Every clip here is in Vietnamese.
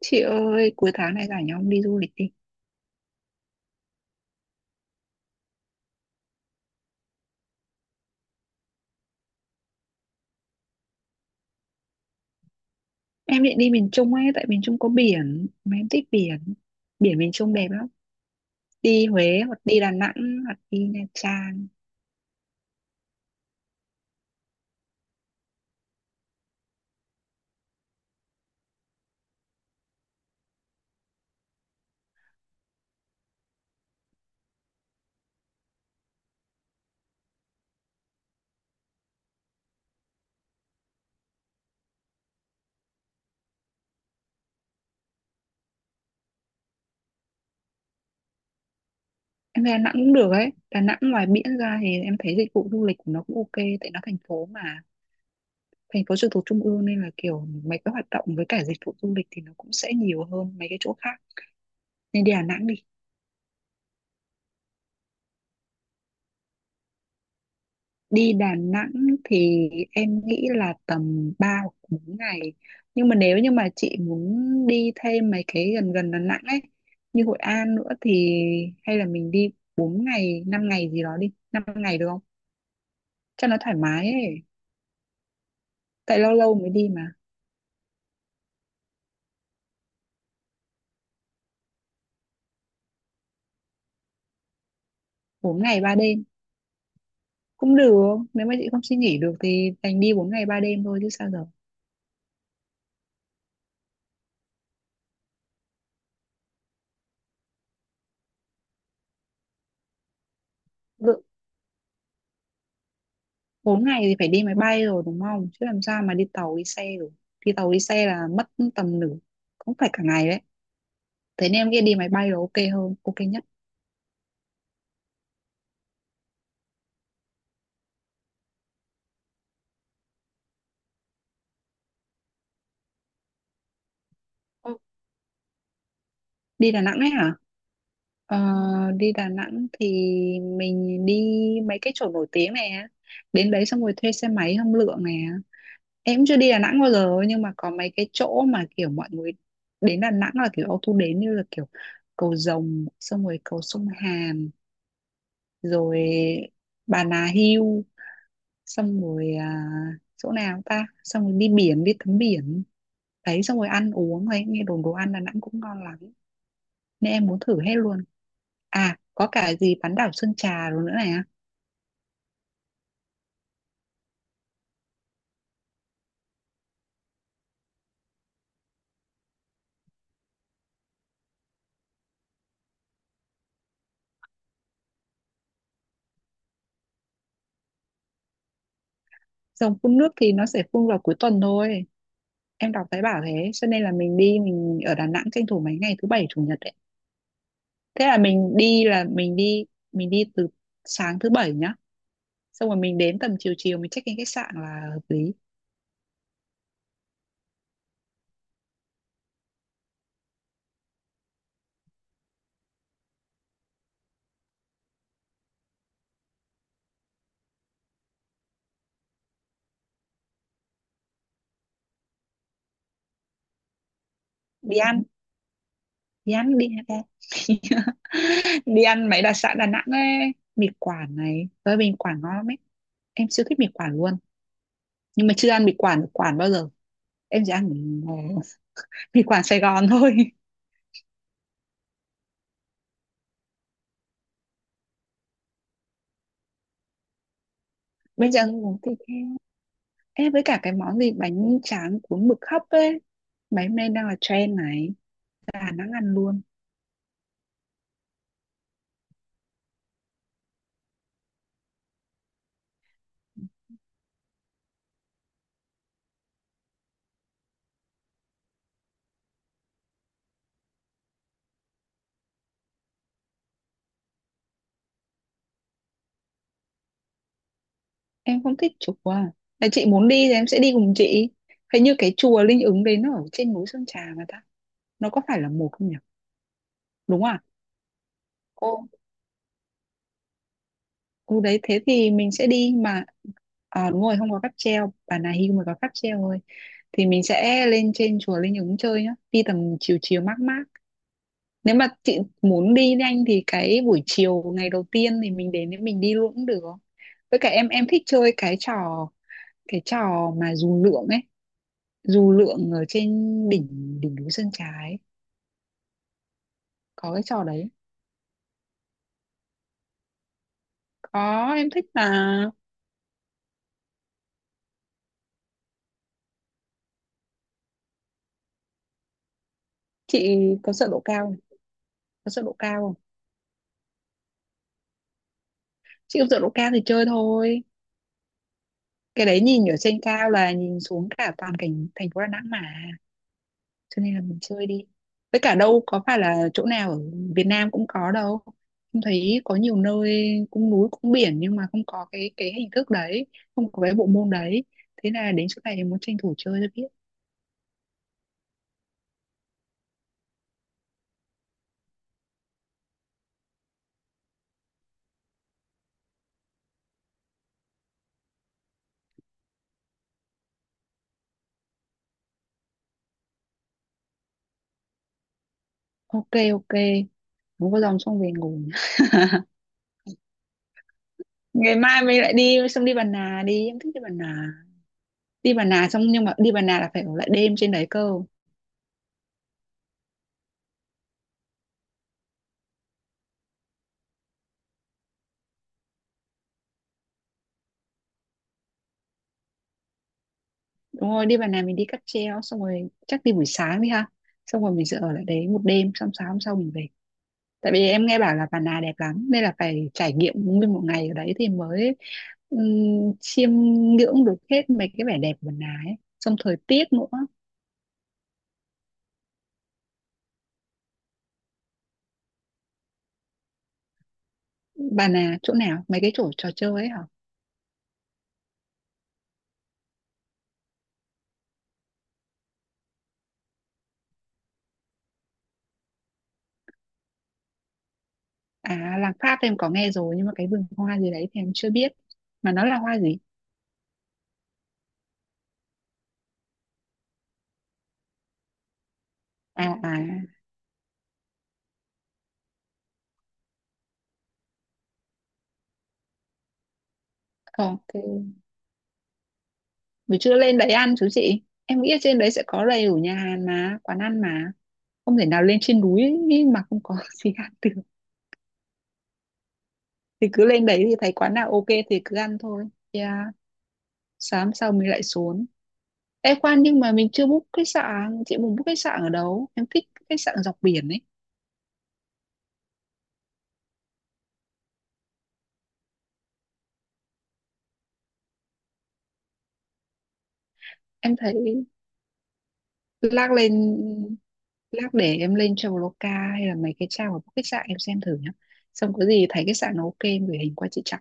Chị ơi, cuối tháng này rảnh không đi du lịch đi. Em định đi miền Trung ấy, tại miền Trung có biển, mà em thích biển. Biển miền Trung đẹp lắm. Đi Huế hoặc đi Đà Nẵng hoặc đi Nha Trang. Em về Đà Nẵng cũng được ấy. Đà Nẵng ngoài biển ra thì em thấy dịch vụ du lịch của nó cũng ok, tại nó thành phố mà. Thành phố trực thuộc trung ương nên là kiểu mấy cái hoạt động với cả dịch vụ du lịch thì nó cũng sẽ nhiều hơn mấy cái chỗ khác. Nên đi Đà Nẵng đi. Đi Đà Nẵng thì em nghĩ là tầm 3 hoặc 4 ngày. Nhưng mà nếu như mà chị muốn đi thêm mấy cái gần gần Đà Nẵng ấy, như Hội An nữa thì hay là mình đi 4 ngày, 5 ngày gì đó đi. 5 ngày được không? Cho nó thoải mái ấy. Tại lâu lâu mới đi mà. Bốn ngày ba đêm cũng được. Nếu mà chị không suy nghĩ được thì đành đi 4 ngày 3 đêm thôi chứ sao giờ. Lự- 4 ngày thì phải đi máy bay rồi đúng không? Chứ làm sao mà đi tàu đi xe được. Đi tàu đi xe là mất tầm nửa cũng phải cả ngày đấy, thế nên em nghĩ đi máy bay là ok hơn, ok nhất. Ừ. Đi Đà Nẵng ấy hả? Ờ, đi Đà Nẵng thì mình đi mấy cái chỗ nổi tiếng này á. Đến đấy xong rồi thuê xe máy hâm lượng này á. Em chưa đi Đà Nẵng bao giờ nhưng mà có mấy cái chỗ mà kiểu mọi người đến Đà Nẵng là kiểu auto đến, như là kiểu cầu Rồng, xong rồi cầu sông Hàn, rồi Bà Nà Hill, xong rồi à, chỗ nào ta, xong rồi đi biển, đi tắm biển đấy, xong rồi ăn uống ấy, nghe đồn đồ ăn Đà Nẵng cũng ngon lắm nên em muốn thử hết luôn. À có cả gì bán đảo Sơn Trà rồi nữa này á. Dòng phun nước thì nó sẽ phun vào cuối tuần thôi, em đọc thấy bảo thế, cho nên là mình đi mình ở Đà Nẵng tranh thủ mấy ngày thứ bảy chủ nhật đấy. Thế là mình đi từ sáng thứ bảy nhá, xong rồi mình đến tầm chiều chiều mình check in khách sạn là hợp lý. Đi ăn đi ăn đi ăn em. Đi ăn mấy đặc sản Đà Nẵng ấy, mì Quảng này, tới mì Quảng ngon lắm ấy, em siêu thích mì Quảng luôn, nhưng mà chưa ăn mì Quảng ở Quảng bao giờ. Em chỉ ăn mì, mì Quảng Sài Gòn thôi. Bây giờ muốn thịt heo, em với cả cái món gì bánh tráng cuốn mực hấp ấy, mấy hôm nay đang là trend này, Đà Nẵng ăn luôn. Em không thích chùa, là chị muốn đi thì em sẽ đi cùng chị. Hình như cái chùa Linh Ứng đấy nó ở trên núi Sơn Trà mà ta, nó có phải là một không nhỉ, đúng không ạ? Cô. Ồ đấy, thế thì mình sẽ đi mà. À, đúng rồi, không có cáp treo, bản này Hưu mới có cáp treo thôi, thì mình sẽ lên trên chùa Linh Ứng chơi nhá, đi tầm chiều chiều mát mát. Nếu mà chị muốn đi nhanh thì cái buổi chiều ngày đầu tiên thì mình đến để mình đi luôn cũng được. Với cả em thích chơi cái trò mà dù lượn ấy, dù lượn ở trên đỉnh đỉnh núi Sơn Trà ấy, có cái trò đấy. Có, em thích là. Chị có sợ độ cao không? Có sợ độ cao không? Chị không sợ độ cao thì chơi thôi. Cái đấy nhìn ở trên cao là nhìn xuống cả toàn cảnh thành phố Đà Nẵng mà, cho nên là mình chơi đi. Với cả đâu có phải là chỗ nào ở Việt Nam cũng có đâu, không thấy, có nhiều nơi cũng núi cũng biển nhưng mà không có cái hình thức đấy, không có cái bộ môn đấy, thế là đến chỗ này muốn tranh thủ chơi cho biết. Ok, ok, muốn có dòng xong về ngủ. Ngày mai mình lại đi, xong đi Bà Nà đi, em thích đi Bà Nà. Đi Bà Nà xong, nhưng mà đi Bà Nà là phải ở lại đêm trên đấy cơ. Đúng rồi, đi vào này mình đi cáp treo, xong rồi chắc đi buổi sáng đi ha. Xong rồi mình sẽ ở lại đấy một đêm, xong sáng hôm sau mình về. Tại vì em nghe bảo là Bà Nà đẹp lắm nên là phải trải nghiệm nguyên một ngày ở đấy thì mới chiêm ngưỡng được hết mấy cái vẻ đẹp của Bà Nà ấy. Xong thời tiết nữa. Bà Nà chỗ nào? Mấy cái chỗ trò chơi ấy hả? À làng Pháp em có nghe rồi, nhưng mà cái vườn hoa gì đấy thì em chưa biết. Mà nó là hoa gì? À à. Ok. Mình chưa lên đấy ăn chú chị. Em nghĩ ở trên đấy sẽ có đầy đủ nhà hàng mà, quán ăn mà. Không thể nào lên trên núi ý mà không có gì ăn được. Thì cứ lên đấy thì thấy quán nào ok thì cứ ăn thôi, yeah. Sáng sau mình lại xuống. Ê khoan, nhưng mà mình chưa book khách sạn, chị muốn book khách sạn ở đâu? Em thích khách sạn dọc biển ấy. Em thấy, lác lên lát để em lên Traveloka hay là mấy cái trang của book khách sạn em xem thử nhá, xong có gì thấy khách sạn nó ok em gửi hình qua chị Trọng.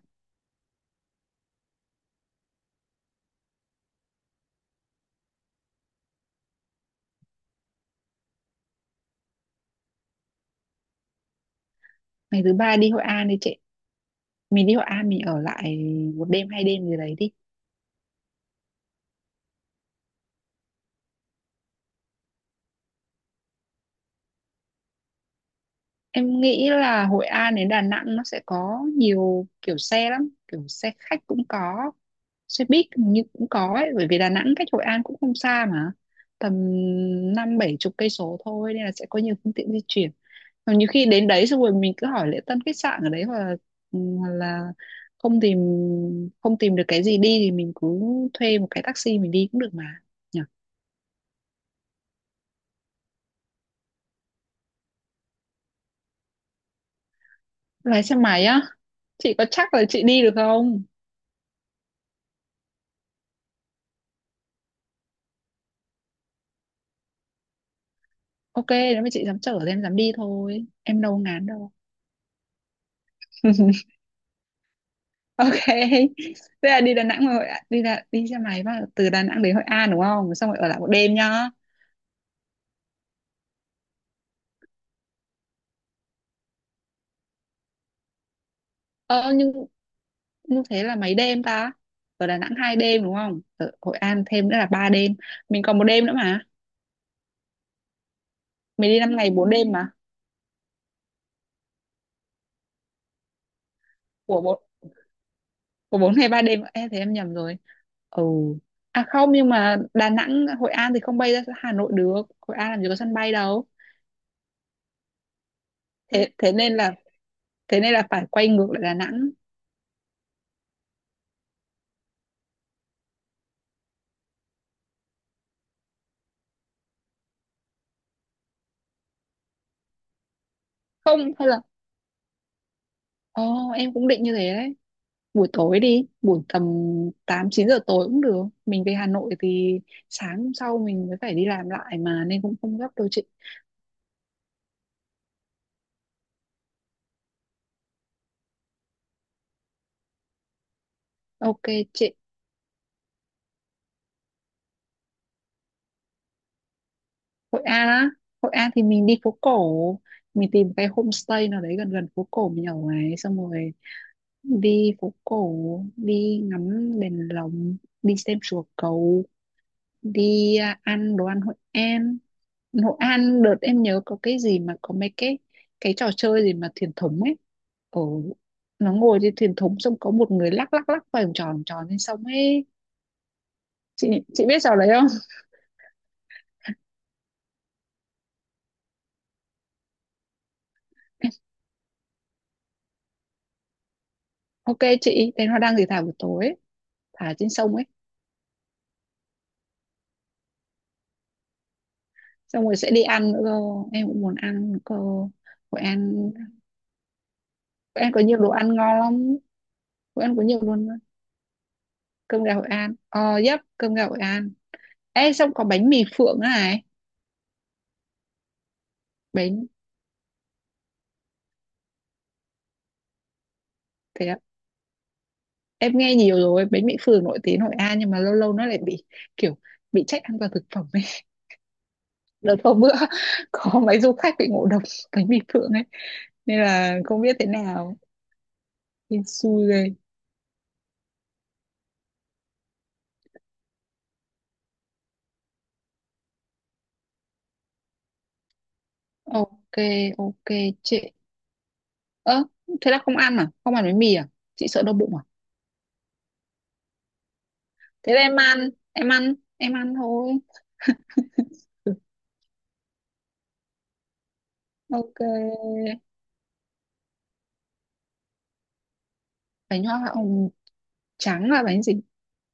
Ngày thứ ba đi Hội An đi chị, mình đi Hội An mình ở lại 1 đêm 2 đêm gì đấy đi. Em nghĩ là Hội An đến Đà Nẵng nó sẽ có nhiều kiểu xe lắm, kiểu xe khách cũng có, xe buýt hình như cũng có ấy, bởi vì Đà Nẵng cách Hội An cũng không xa mà, tầm năm bảy chục cây số thôi, nên là sẽ có nhiều phương tiện di chuyển. Còn nhiều khi đến đấy xong rồi mình cứ hỏi lễ tân khách sạn ở đấy, hoặc là, ừ, hoặc là không tìm không tìm được cái gì đi thì mình cứ thuê một cái taxi mình đi cũng được mà. Nhỉ? Lái xe máy á, chị có chắc là chị đi được không? Ok, nếu mà chị dám chở thì em dám đi thôi. Em đâu ngán đâu. Ok. Thế là đi Đà Nẵng rồi Hội An, đi là đi xe máy vào từ Đà Nẵng đến Hội An đúng không? Xong rồi ở lại 1 đêm nhá. Ờ nhưng như thế là mấy đêm ta? Ở Đà Nẵng 2 đêm đúng không? Ở Hội An thêm nữa là 3 đêm. Mình còn một đêm nữa mà. Mình đi 5 ngày 4 đêm mà. Của bốn của 4 ngày 3 đêm. Ê thế em nhầm rồi. Ừ. À không, nhưng mà Đà Nẵng Hội An thì không bay ra Hà Nội được. Hội An làm gì có sân bay đâu. Thế thế nên là phải quay ngược lại Đà Nẵng. Không hay là, ồ em cũng định như thế đấy, buổi tối đi, buổi tầm 8 9 giờ tối cũng được, mình về Hà Nội thì sáng hôm sau mình mới phải đi làm lại mà, nên cũng không gấp đâu chị. Ok chị. Hội An á, Hội An thì mình đi phố cổ, mình tìm cái homestay nào đấy gần gần phố cổ mình ở ấy, xong rồi đi phố cổ, đi ngắm đèn lồng, đi xem chùa cầu, đi à, ăn đồ ăn Hội An. Hội An đợt em nhớ có cái gì mà có mấy cái trò chơi gì mà thuyền thúng ấy, ở, nó ngồi trên thuyền thúng xong có một người lắc lắc lắc vòng tròn lên sông ấy. chị chị biết trò đấy không? Ok chị, thế nó đang thì thả buổi tối ấy, thả trên sông ấy. Xong rồi sẽ đi ăn nữa cơ, em cũng muốn ăn nữa cơ. Hội An, Hội An có nhiều đồ ăn ngon lắm. Hội An có nhiều luôn, cơm gà Hội An, ờ, yep, cơm gà Hội An. Ê, xong có bánh mì Phượng nữa này. Bánh, thế em nghe nhiều rồi, bánh mì phường nổi tiếng Hội An, nhưng mà lâu lâu nó lại bị kiểu bị trách an toàn thực phẩm ấy. Đợt hôm bữa có mấy du khách bị ngộ độc bánh mì phượng ấy, nên là không biết thế nào. Nên xui ghê. Ok, ok chị. Ơ thế là không ăn à, không ăn bánh mì à, chị sợ đau bụng à? Thế là em ăn, em ăn, em ăn thôi. Ừ, ok. Bánh hoa hồng trắng là bánh gì?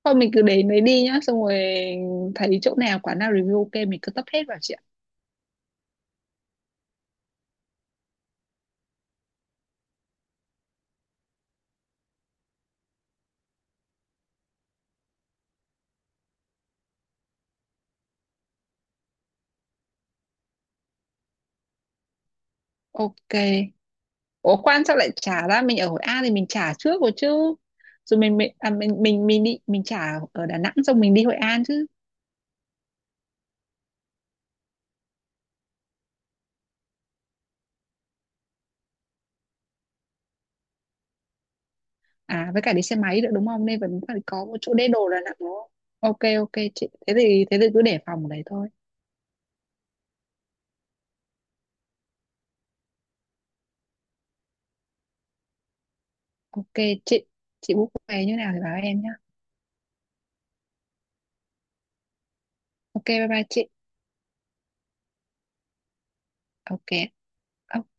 Thôi mình cứ đến đấy đi nhá, xong rồi thấy chỗ nào quán nào review ok mình cứ tấp hết vào chị ạ. Ok. Ủa quan sao lại trả ra, mình ở Hội An thì mình trả trước rồi chứ, rồi mình à, mình đi mình trả ở Đà Nẵng xong mình đi Hội An chứ. À với cả đi xe máy nữa đúng không, nên vẫn phải có một chỗ để đồ Đà Nẵng đúng không. Ok ok chị, thế thì cứ để phòng ở đấy thôi. Ok chị chị book vé như nào thì báo em nhá. Ok bye bye chị. Ok ok.